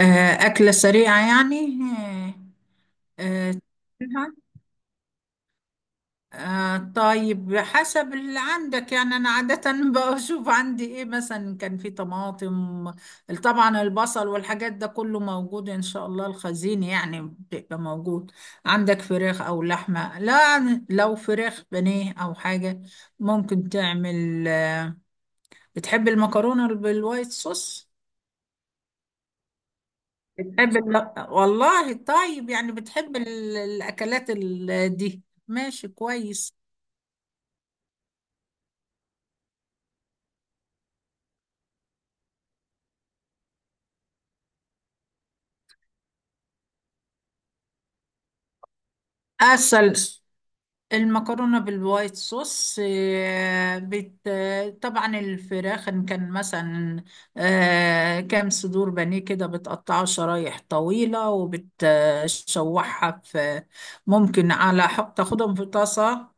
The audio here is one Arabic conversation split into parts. آه، أكلة سريعة يعني. آه، آه، آه، طيب حسب اللي عندك يعني. أنا عادة بشوف عندي إيه، مثلا كان في طماطم، طبعا البصل والحاجات ده كله موجود، إن شاء الله الخزين يعني بيبقى موجود. عندك فراخ أو لحمة؟ لا، لو فراخ بانيه أو حاجة ممكن تعمل. بتحب المكرونة بالوايت صوص؟ بتحب والله طيب، يعني بتحب الأكلات دي. ماشي كويس. أصل المكرونة بالوايت صوص، آه، بت... آه، طبعا الفراخ إن كان مثلا كام صدور بانيه كده، بتقطعها شرايح طويلة وبتشوحها في. ممكن على حق تاخدهم في طاسة،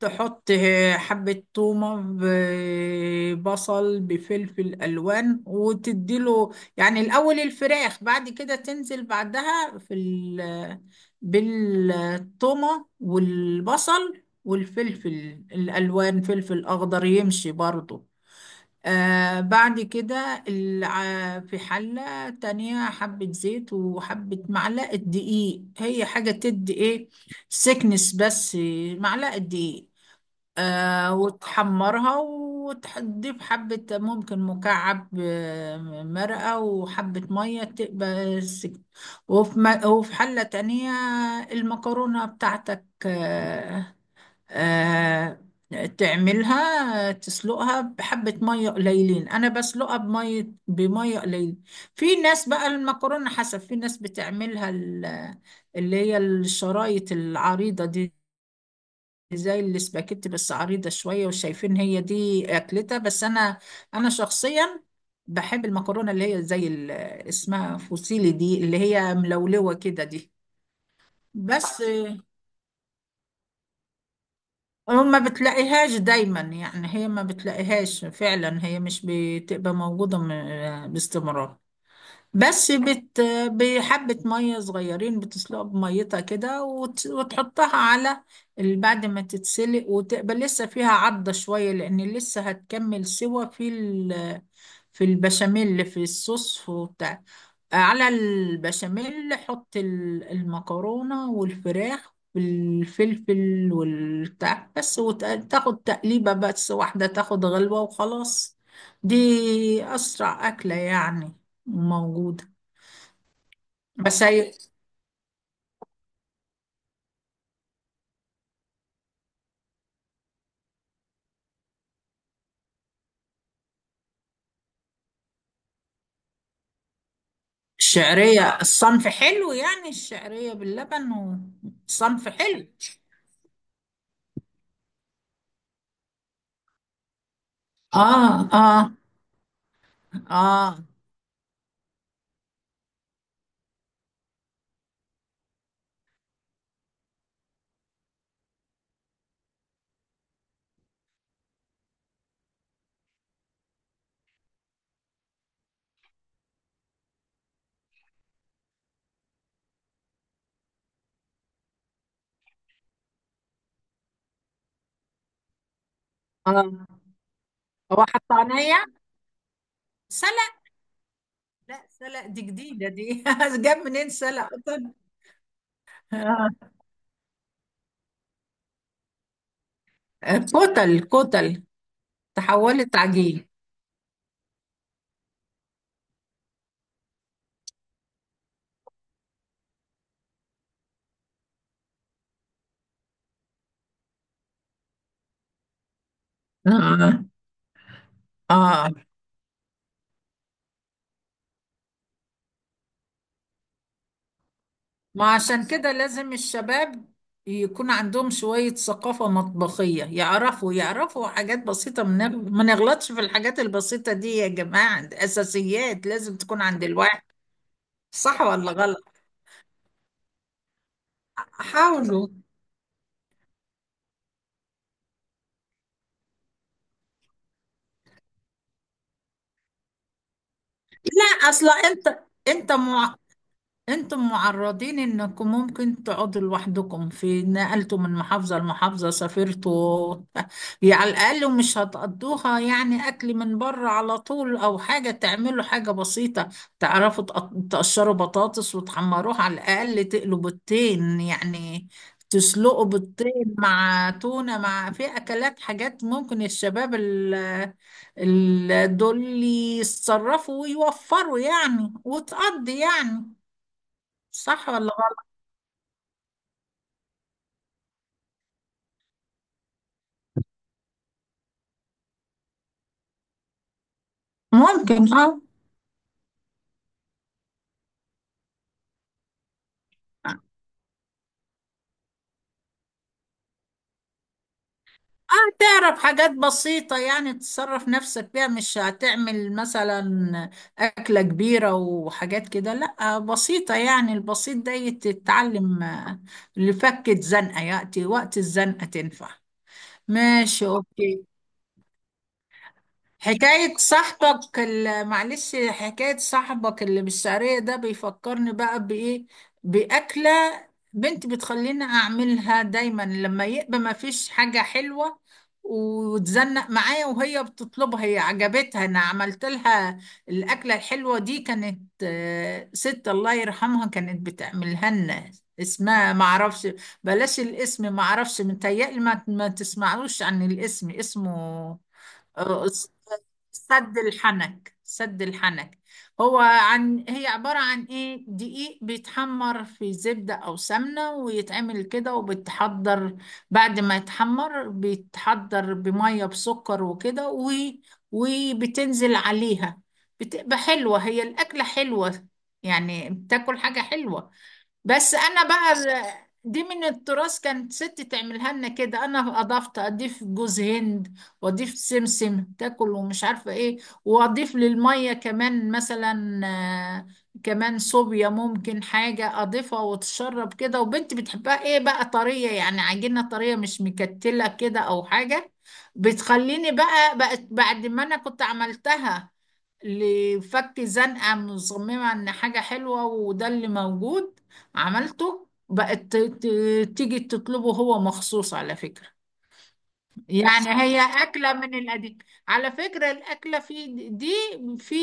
تحط حبة تومة ببصل بفلفل ألوان وتديله، يعني الأول الفراخ، بعد كده تنزل بعدها في ال بالتومة والبصل والفلفل الألوان، فلفل أخضر يمشي برضو. آه، بعد كده في حلة تانية حبة زيت وحبة معلقة دقيق، هي حاجة تدي إيه، سكنس بس، معلقة دقيق. آه، وتحمرها وتضيف حبة، ممكن مكعب مرقة وحبة مية تبقى وفي حلة تانية المكرونة بتاعتك. آه، آه، تعملها، تسلقها بحبة مية قليلين، أنا بسلقها بمية قليلة. في ناس بقى المكرونة حسب، في ناس بتعملها اللي هي الشرايط العريضة دي، زي الاسباجيتي بس عريضة شوية، وشايفين هي دي أكلتها. بس أنا شخصيا بحب المكرونة اللي هي زي اسمها فوسيلي دي، اللي هي ملولوة كده دي. بس آه، ما بتلاقيهاش دايما يعني، هي ما بتلاقيهاش فعلا، هي مش بتبقى موجودة باستمرار. بس، بحبة مية صغيرين بتسلقها بميتها كده وتحطها على بعد ما تتسلق وتقبل لسه فيها عضة شوية، لأن لسه هتكمل سوا في في البشاميل اللي في الصوص وبتاع. على البشاميل حط المكرونة والفراخ والفلفل والبتاع، بس وتاخد تقليبة بس واحدة، تاخد غلوة وخلاص. دي أسرع أكلة يعني، موجودة. بس هي الشعرية الصنف حلو يعني، الشعرية باللبن وصنف حلو. اه اه. اه اه. هو حطانية، سلق. لا، سلق دي جديدة دي جاب منين سلق قطن. آه. كتل كتل، تحولت عجين. اه اه. ما عشان كده لازم الشباب يكون عندهم شوية ثقافة مطبخية، يعرفوا حاجات بسيطة، ما نغلطش في الحاجات البسيطة دي يا جماعة، دي أساسيات لازم تكون عند الواحد. صح ولا غلط؟ حاولوا. لا، أصلا أنت انتم معرضين انكم ممكن تقعدوا لوحدكم، في نقلتوا من محافظة لمحافظة، سافرتوا يعني على الاقل مش هتقضوها يعني اكل من بره على طول، او حاجة تعملوا حاجة بسيطة. تعرفوا تقشروا بطاطس وتحمروها، على الاقل تقلوا بيضتين، يعني تسلقوا بيضتين مع تونة، مع في اكلات حاجات ممكن الشباب دول يتصرفوا ويوفروا يعني، وتقضي يعني. صح ولا غلط؟ ممكن اه. اه، تعرف حاجات بسيطة يعني تصرف نفسك بيها، مش هتعمل مثلا أكلة كبيرة وحاجات كده، لا، بسيطة يعني، البسيط ده يتتعلم آه، لفكة زنقة، يأتي وقت الزنقة تنفع. ماشي أوكي. حكاية صاحبك معلش، حكاية صاحبك اللي بالشعرية ده بيفكرني بقى بإيه، بأكلة بنتي بتخليني أعملها دايما، لما يبقى ما فيش حاجة حلوة وتزنق معايا وهي بتطلبها، هي عجبتها أنا عملت لها الأكلة الحلوة دي. كانت آه، ست الله يرحمها كانت بتعملها لنا، اسمها معرفش، بلاش الاسم، معرفش متهيألي ما تسمعلوش عن الاسم. اسمه آه، سد الحنك، سد الحنك. هو عن هي عبارة عن ايه، دقيق بيتحمر في زبدة او سمنة ويتعمل كده، وبتحضر بعد ما يتحمر، بيتحضر بمية بسكر وكده، و... وبتنزل عليها، بتبقى حلوة، هي الأكلة حلوة يعني، بتاكل حاجة حلوة. بس انا بقى دي من التراث، كانت ستي تعملها لنا كده، انا اضفت، اضيف جوز هند واضيف سمسم تاكل ومش عارفه ايه، واضيف للميه كمان مثلا آه، كمان صوبيا، ممكن حاجه اضيفها وتشرب كده. وبنتي بتحبها ايه بقى، طريه يعني عجينه طريه، مش مكتله كده او حاجه. بتخليني بقى بقت بعد ما انا كنت عملتها لفك زنقه، مصممه ان حاجه حلوه، وده اللي موجود عملته، بقت تيجي تطلبه، هو مخصوص على فكرة، يعني أحسن، هي أكلة من القديم. على فكرة الأكلة دي، في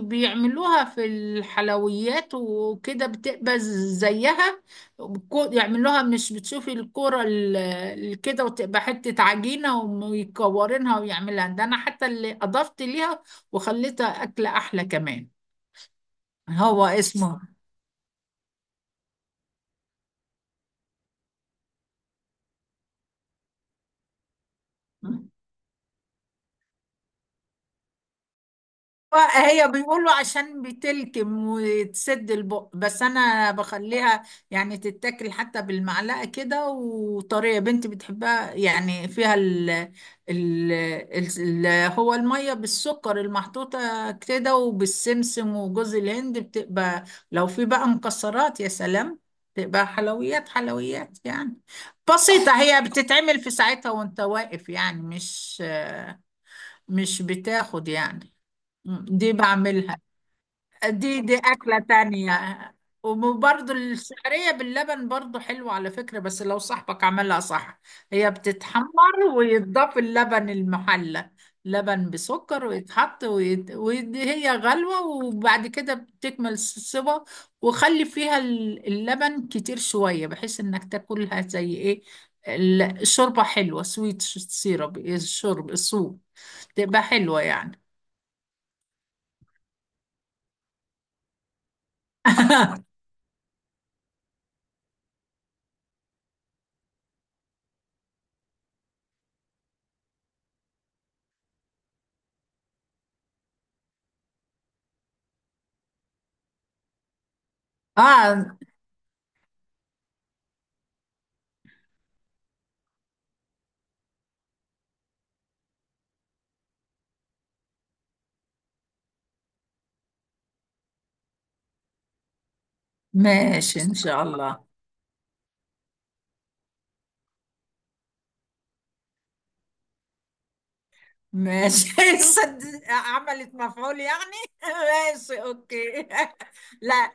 بيعملوها في الحلويات وكده، بتبقى زيها. يعملوها، مش بتشوفي الكرة كده، وتبقى حتة عجينة ويكورينها ويعملها ده، أنا حتى اللي أضفت ليها وخليتها أكلة أحلى كمان. هو اسمه، هي بيقولوا عشان بتلكم وتسد البق، بس انا بخليها يعني تتاكل حتى بالمعلقه كده، وطريه، بنتي بتحبها يعني، فيها ال ال ال هو الميه بالسكر المحطوطه كده وبالسمسم وجوز الهند، بتبقى لو في بقى مكسرات يا سلام، بتبقى حلويات حلويات يعني. بسيطه، هي بتتعمل في ساعتها وانت واقف، يعني مش بتاخد يعني. مم، دي بعملها. دي أكلة تانية. وبرضو الشعرية باللبن برضو حلوة على فكرة، بس لو صاحبك عملها صح، هي بتتحمر ويتضاف اللبن المحلى، لبن بسكر، ويتحط وهي غلوة، وبعد كده بتكمل السوا، وخلي فيها اللبن كتير شوية بحيث انك تاكلها زي ايه، شوربة حلوة، سويت سيرب، الشرب الصوب، تبقى حلوة يعني. اه، ماشي إن شاء الله. ماشي عملت مفعول يعني ماشي أوكي. لا،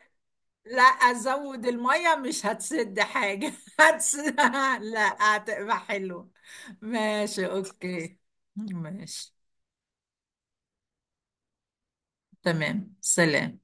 لا أزود المية مش هتسد حاجة لا هتبقى حلو. ماشي أوكي. ماشي تمام، سلام.